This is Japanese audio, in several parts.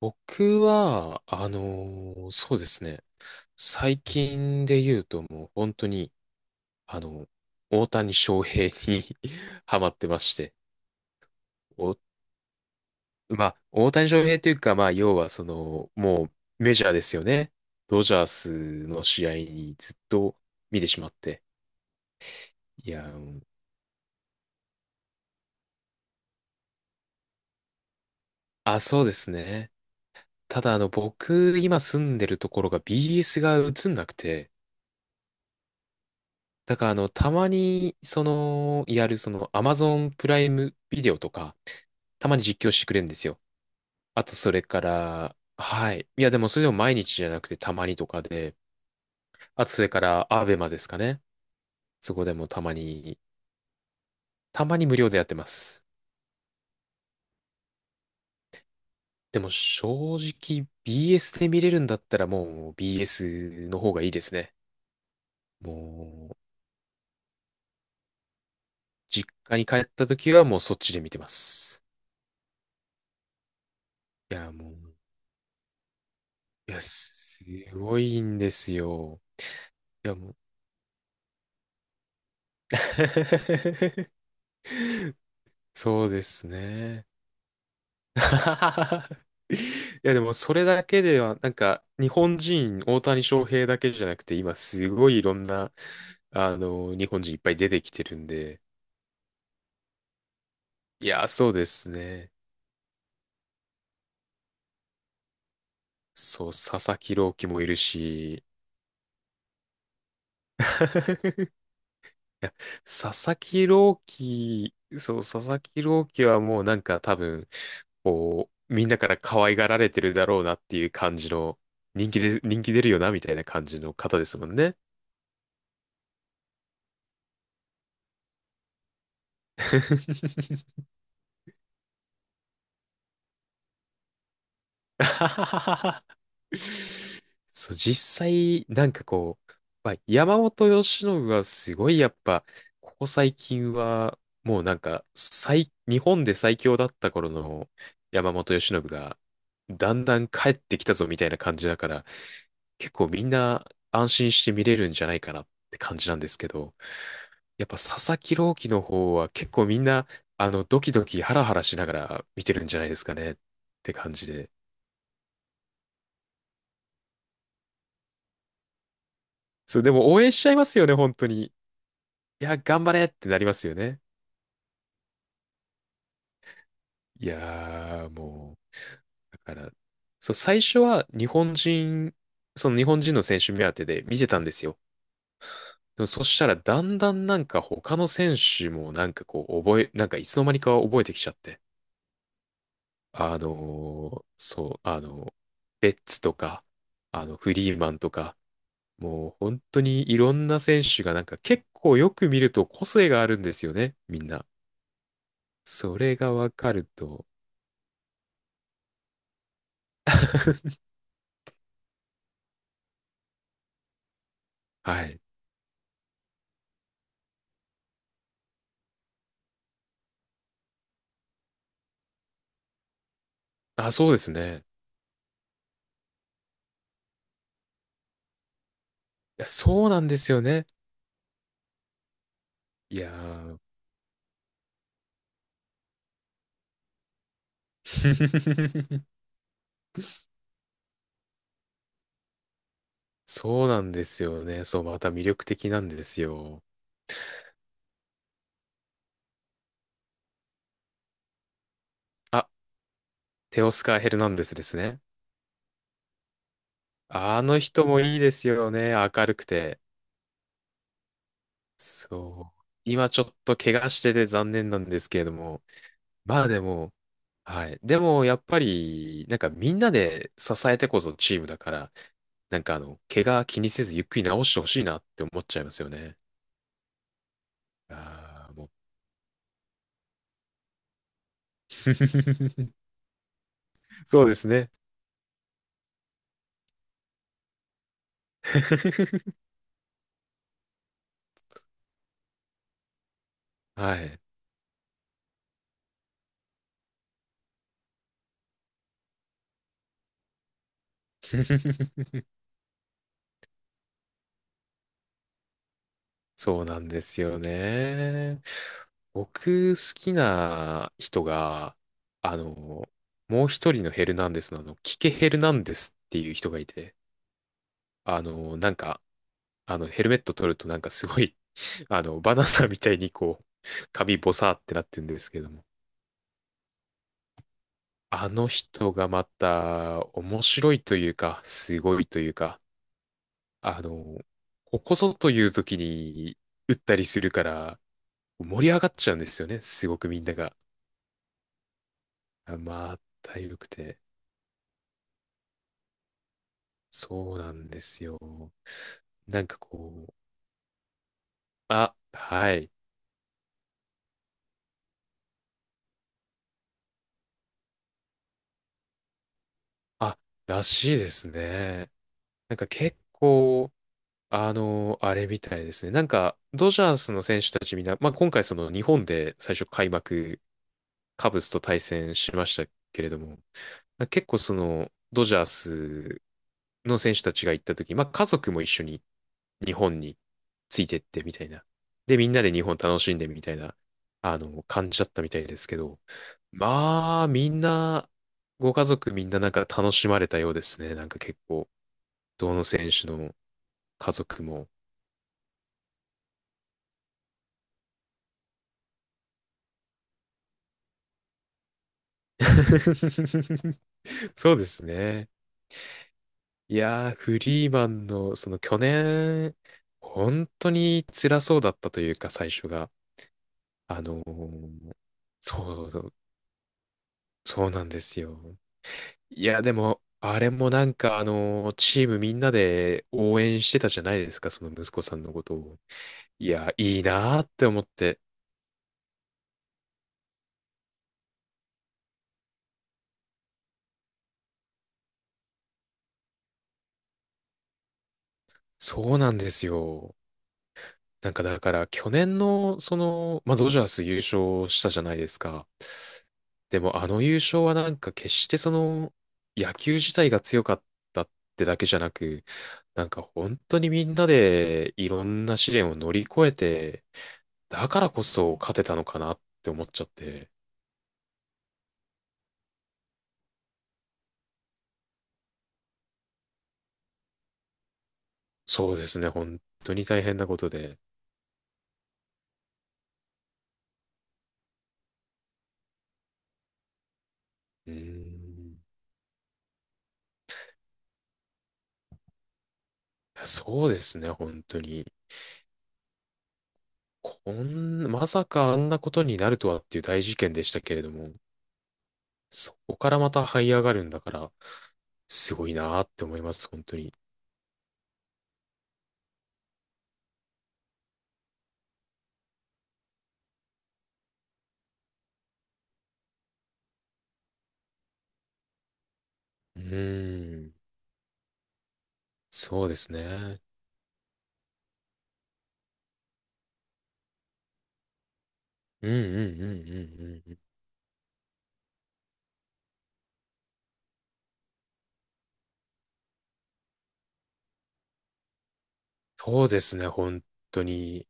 僕は、そうですね。最近で言うともう本当に、あの、大谷翔平に ハマってまして。お、まあ、大谷翔平というか、まあ、要はもうメジャーですよね。ドジャースの試合にずっと見てしまって。いや、うん、あ、そうですね。ただ、僕、今住んでるところが BS が映んなくて、だから、たまに、その、やる、その、Amazon プライムビデオとか、たまに実況してくれるんですよ。あと、それから、はい。いや、でも、それでも毎日じゃなくて、たまにとかで、あと、それから、アベマですかね。そこでもたまに、たまに無料でやってます。でも、正直、BS で見れるんだったら、もう、BS の方がいいですね。もう、実家に帰った時は、もう、そっちで見てます。いや、もう、いや、すごいんですよ。いや、もう そうですね。いや、でもそれだけでは、なんか、日本人、大谷翔平だけじゃなくて、今、すごいいろんな、日本人いっぱい出てきてるんで、いや、そうですね。そう、佐々木朗希もいるし、いや佐々木朗希、そう、佐々木朗希はもうなんか多分、みんなから可愛がられてるだろうなっていう感じの、人気で、人気出るよな、みたいな感じの方ですもんね。そう、実際、まあ、山本由伸はすごいやっぱ、ここ最近は、もうなんか、最、日本で最強だった頃の山本由伸が、だんだん帰ってきたぞみたいな感じだから、結構みんな安心して見れるんじゃないかなって感じなんですけど、やっぱ佐々木朗希の方は結構みんな、ドキドキハラハラしながら見てるんじゃないですかねって感じで。そう、でも応援しちゃいますよね、本当に。いや、頑張れってなりますよね。いやー、もう、だから、そう、最初は日本人、その日本人の選手目当てで見てたんですよ。でもそしたら、だんだんなんか他の選手もなんかこう、なんかいつの間にか覚えてきちゃって。そう、あのベッツとか、フリーマンとか、もう本当にいろんな選手がなんか結構よく見ると個性があるんですよね、みんな。それがわかると、はい。あ、そうですね。いや、そうなんですよね。いやー そうなんですよね。そう、また魅力的なんですよ。あ、テオスカー・ヘルナンデスですね。あの人もいいですよね。明るくて。そう。今ちょっと怪我してて残念なんですけれども。まあでも、はい。でも、やっぱり、なんかみんなで支えてこそチームだから、怪我気にせずゆっくり治してほしいなって思っちゃいますよね。ああ、もう そうですね。はい。そうなんですよね。僕、好きな人が、あの、もう一人のヘルナンデスの、キケ・ヘルナンデスっていう人がいて、あの、なんか、ヘルメット取るとなんかすごい、バナナみたいにこう、髪ボサーってなってるんですけども、あの人がまた面白いというか、すごいというか、あの、ここぞという時に打ったりするから、盛り上がっちゃうんですよね。すごくみんなが。あまあ、体力て。そうなんですよ。なんかこう、あ、はい。あ、らしいですね。なんか結構、あれみたいですね。なんか、ドジャースの選手たちみんな、まあ今回その日本で最初開幕カブスと対戦しましたけれども、結構その、ドジャースの選手たちが行った時、まあ家族も一緒に日本についてってみたいな。で、みんなで日本楽しんでみたいな、感じだったみたいですけど、まあ、みんな、ご家族みんななんか楽しまれたようですね。なんか結構、どの選手の家族も。そうですね。いやー、フリーマンの、その去年、本当に辛そうだったというか、最初が。あのーそうそう、そうなんですよ。いや、でも、あれもなんか、チームみんなで応援してたじゃないですか、その息子さんのことを。いや、いいなーって思って。そうなんですよ。なんかだから、去年の、その、まあ、ドジャース優勝したじゃないですか。でも、あの優勝はなんか決してその、野球自体が強かったってだけじゃなく、なんか本当にみんなでいろんな試練を乗り越えて、だからこそ勝てたのかなって思っちゃって、そうですね、本当に大変なことで。うーん、そうですね、本当に。こん、まさかあんなことになるとはっていう大事件でしたけれども、そこからまた這い上がるんだから、すごいなーって思います、本当に。うーん、そうですね。うんうんうんうんうんうん。そうですね、本当に。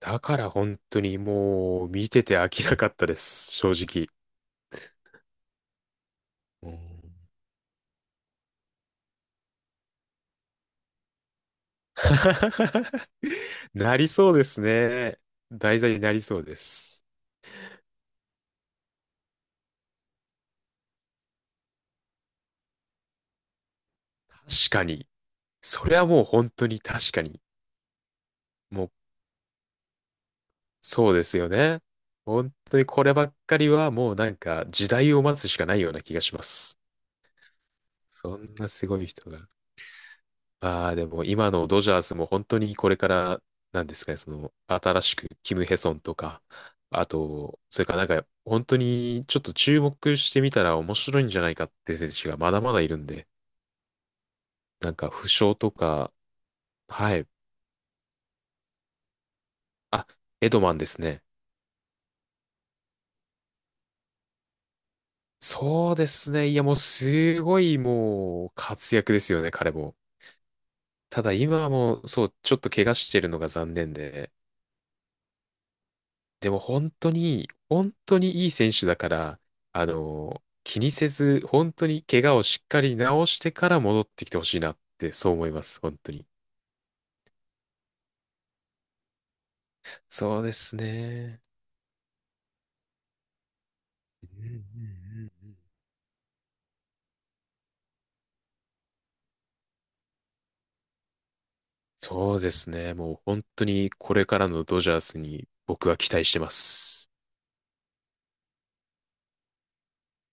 だから本当にもう見てて飽きなかったです、正直。うん なりそうですね。題材になりそうです。確かに。それはもう本当に確かに。もうそうですよね。本当にこればっかりはもうなんか時代を待つしかないような気がします。そんなすごい人が。ああ、でも今のドジャースも本当にこれから、なんですかね、その新しくキム・ヘソンとか、あと、それからなんか本当にちょっと注目してみたら面白いんじゃないかって選手がまだまだいるんで、なんか負傷とか、はい。あ、エドマンですね。そうですね。いやもうすごいもう活躍ですよね、彼も。ただ今はもう、そう、ちょっと怪我してるのが残念で、でも本当に、本当にいい選手だから、気にせず、本当に怪我をしっかり治してから戻ってきてほしいなって、そう思います、本当に。そうですね。うんうんうんうん、そうですね。もう本当にこれからのドジャースに僕は期待してます。